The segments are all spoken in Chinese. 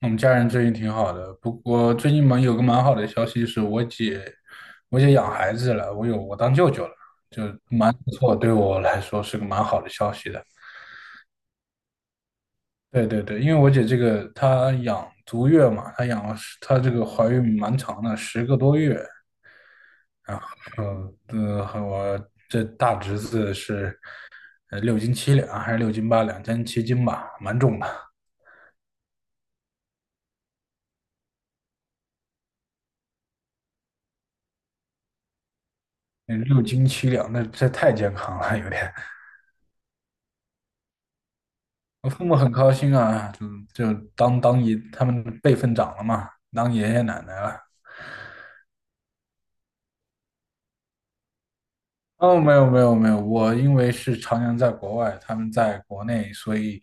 我们家人最近挺好的，不过最近蛮有个蛮好的消息是我姐养孩子了，我当舅舅了，就蛮不错，对我来说是个蛮好的消息的。对对对，因为我姐这个她养足月嘛，她养了十她这个怀孕蛮长的，10个多月，然后呃，和我这大侄子是六斤七两还是6斤8两，将近7斤吧，蛮重的。嗯，六斤七两那这太健康了，有点。我父母很高兴啊，就当爷，他们辈分长了嘛，当爷爷奶奶了。哦，没有没有没有，我因为是常年在国外，他们在国内，所以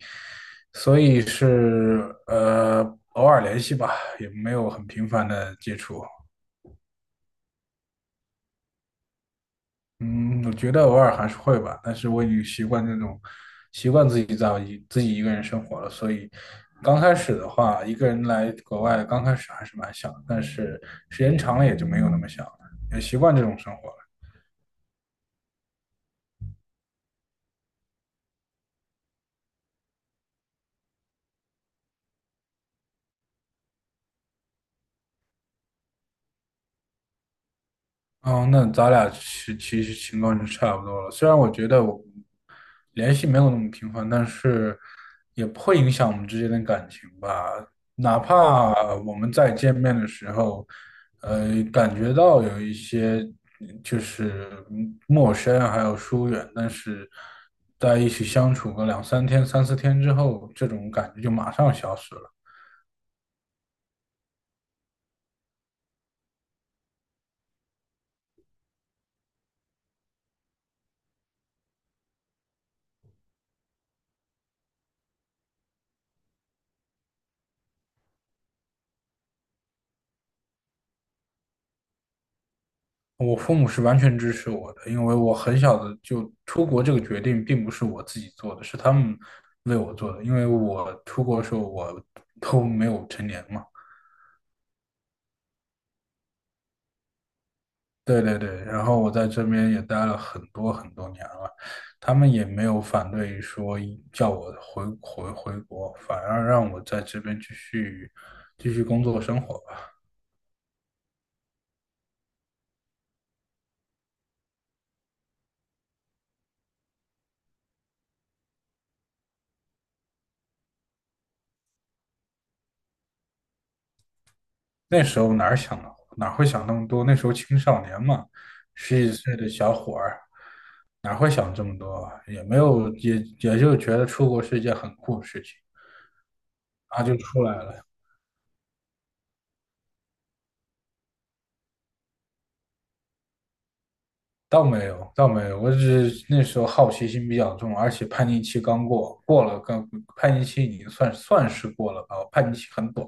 是偶尔联系吧，也没有很频繁的接触。嗯，我觉得偶尔还是会吧，但是我已经习惯这种，习惯自己一个人生活了，所以刚开始的话，一个人来国外，刚开始还是蛮想的，但是时间长了也就没有那么想了，也习惯这种生活了。哦，那咱俩其实情况就差不多了。虽然我觉得我联系没有那么频繁，但是也不会影响我们之间的感情吧。哪怕我们再见面的时候，感觉到有一些就是陌生还有疏远，但是在一起相处个两三天、三四天之后，这种感觉就马上消失了。我父母是完全支持我的，因为我很小的就出国这个决定并不是我自己做的，是他们为我做的。因为我出国的时候我都没有成年嘛，对对对，然后我在这边也待了很多很多年了，他们也没有反对说叫我回国，反而让我在这边继续工作生活。那时候哪会想那么多？那时候青少年嘛，十几岁的小伙儿，哪会想这么多啊，也没有，也就觉得出国是一件很酷的事情，然后就出来了。倒没有，倒没有，我只是那时候好奇心比较重，而且叛逆期刚过，过了刚叛逆期已经算是过了吧，叛逆期很短，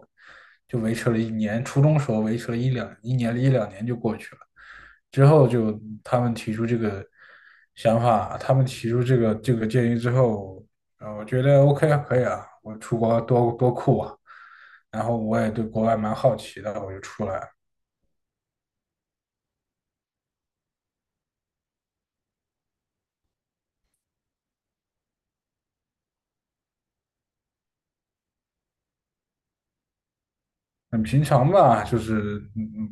就维持了一年，初中时候维持了一两年就过去了，之后就他们提出这个想法，他们提出这个建议之后，我觉得 OK 啊，可以啊，我出国多酷啊，然后我也对国外蛮好奇的，我就出来了。很平常吧，就是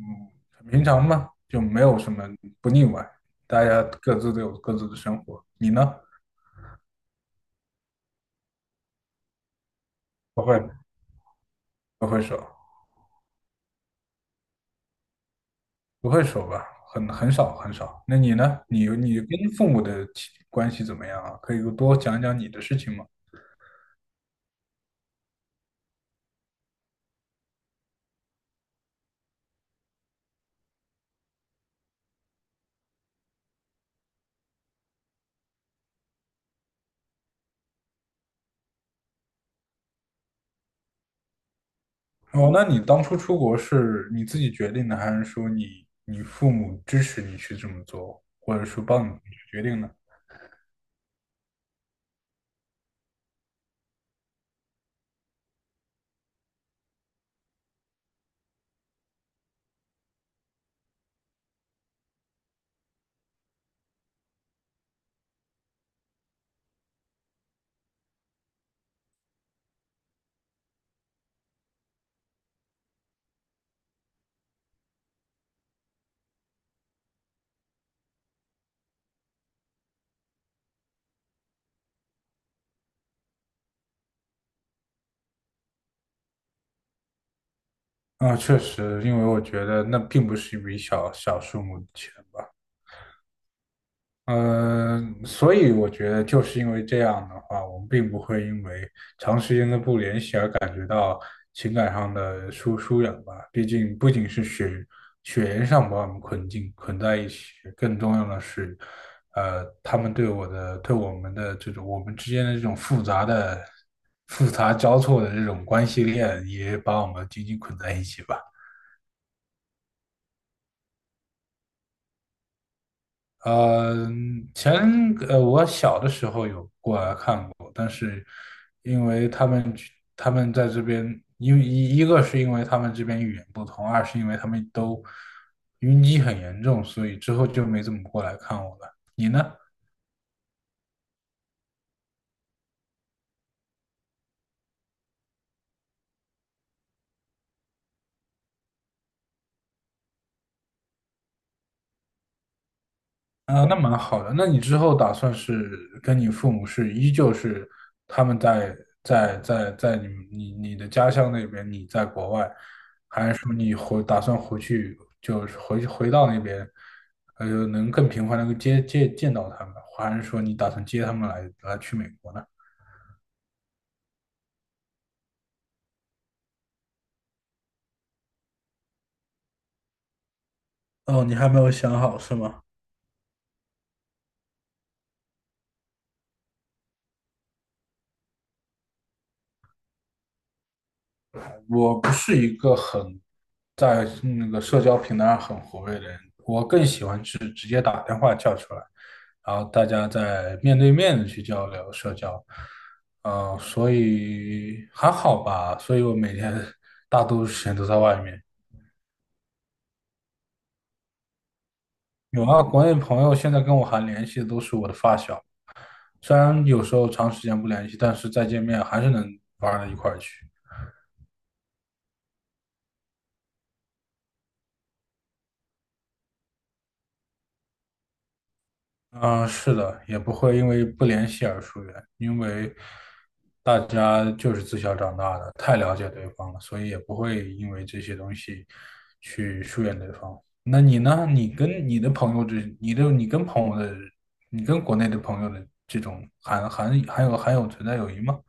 很平常吧，就没有什么不腻歪，大家各自都有各自的生活。你呢？不会，不会说，不会说吧，很少很少。那你呢？你跟父母的亲关系怎么样啊？可以多讲讲你的事情吗？哦，那你当初出国是你自己决定的，还是说你父母支持你去这么做，或者说帮你去决定呢？啊，确实，因为我觉得那并不是一笔小小数目的钱吧。呃，所以我觉得就是因为这样的话，我们并不会因为长时间的不联系而感觉到情感上的疏远吧。毕竟不仅是血缘上把我们捆在一起，更重要的是，他们对我的对我们的这种我们之间的这种复杂交错的这种关系链，也把我们紧紧捆在一起吧。呃，前我小的时候有过来看过，但是因为他们在这边，因为一个是因为他们这边语言不通，二是因为他们都晕机很严重，所以之后就没怎么过来看我了。你呢？啊，那蛮好的。那你之后打算是跟你父母是依旧是他们在你们你你的家乡那边，你在国外，还是说你打算回去，就是回到那边，能更频繁的接见到他们，还是说你打算接他们去美国呢？哦，你还没有想好是吗？我不是一个很在那个社交平台上很活跃的人，我更喜欢是直接打电话叫出来，然后大家在面对面的去交流社交。所以还好吧，所以我每天大多数时间都在外面。有啊，国内朋友现在跟我还联系的都是我的发小，虽然有时候长时间不联系，但是再见面还是能玩到一块儿去。嗯，是的，也不会因为不联系而疏远，因为大家就是自小长大的，太了解对方了，所以也不会因为这些东西去疏远对方。那你呢？你跟你的朋友之，你的你跟朋友的，你跟国内的朋友的这种还有存在友谊吗？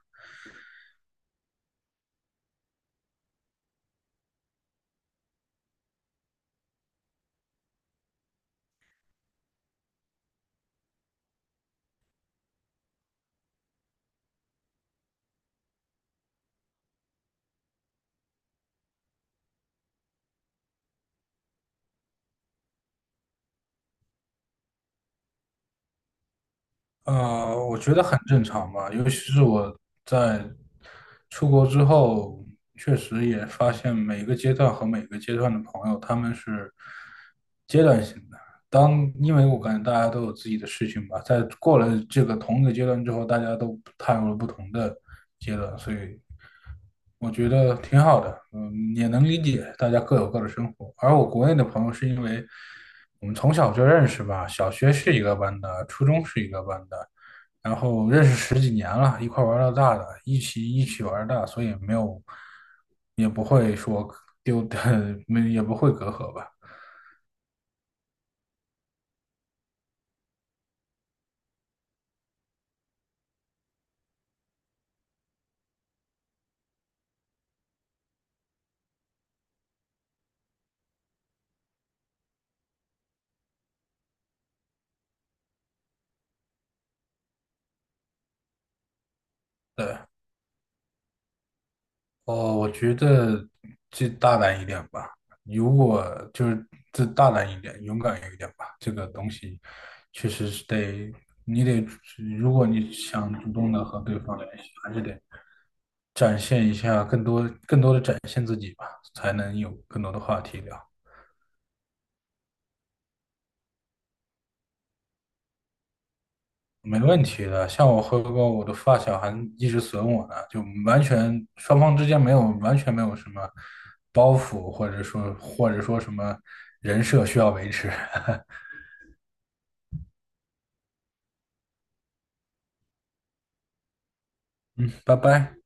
我觉得很正常吧，尤其是我在出国之后，确实也发现每个阶段和每个阶段的朋友，他们是阶段性的。因为我感觉大家都有自己的事情吧，在过了这个同一个阶段之后，大家都踏入了不同的阶段，所以我觉得挺好的，也能理解大家各有各的生活。而我国内的朋友是因为我们从小就认识吧，小学是一个班的，初中是一个班的，然后认识十几年了，一块玩到大的，一起玩大，所以没有，也不会说丢的，没也不会隔阂吧，对。哦，我觉得就大胆一点吧。如果就是这大胆一点，勇敢一点吧。这个东西确实是得，你得，如果你想主动的和对方联系，还是得展现一下更多、更多的展现自己吧，才能有更多的话题聊。没问题的，像我和我的发小还一直损我呢，就完全没有什么包袱，或者说什么人设需要维持。嗯，拜拜。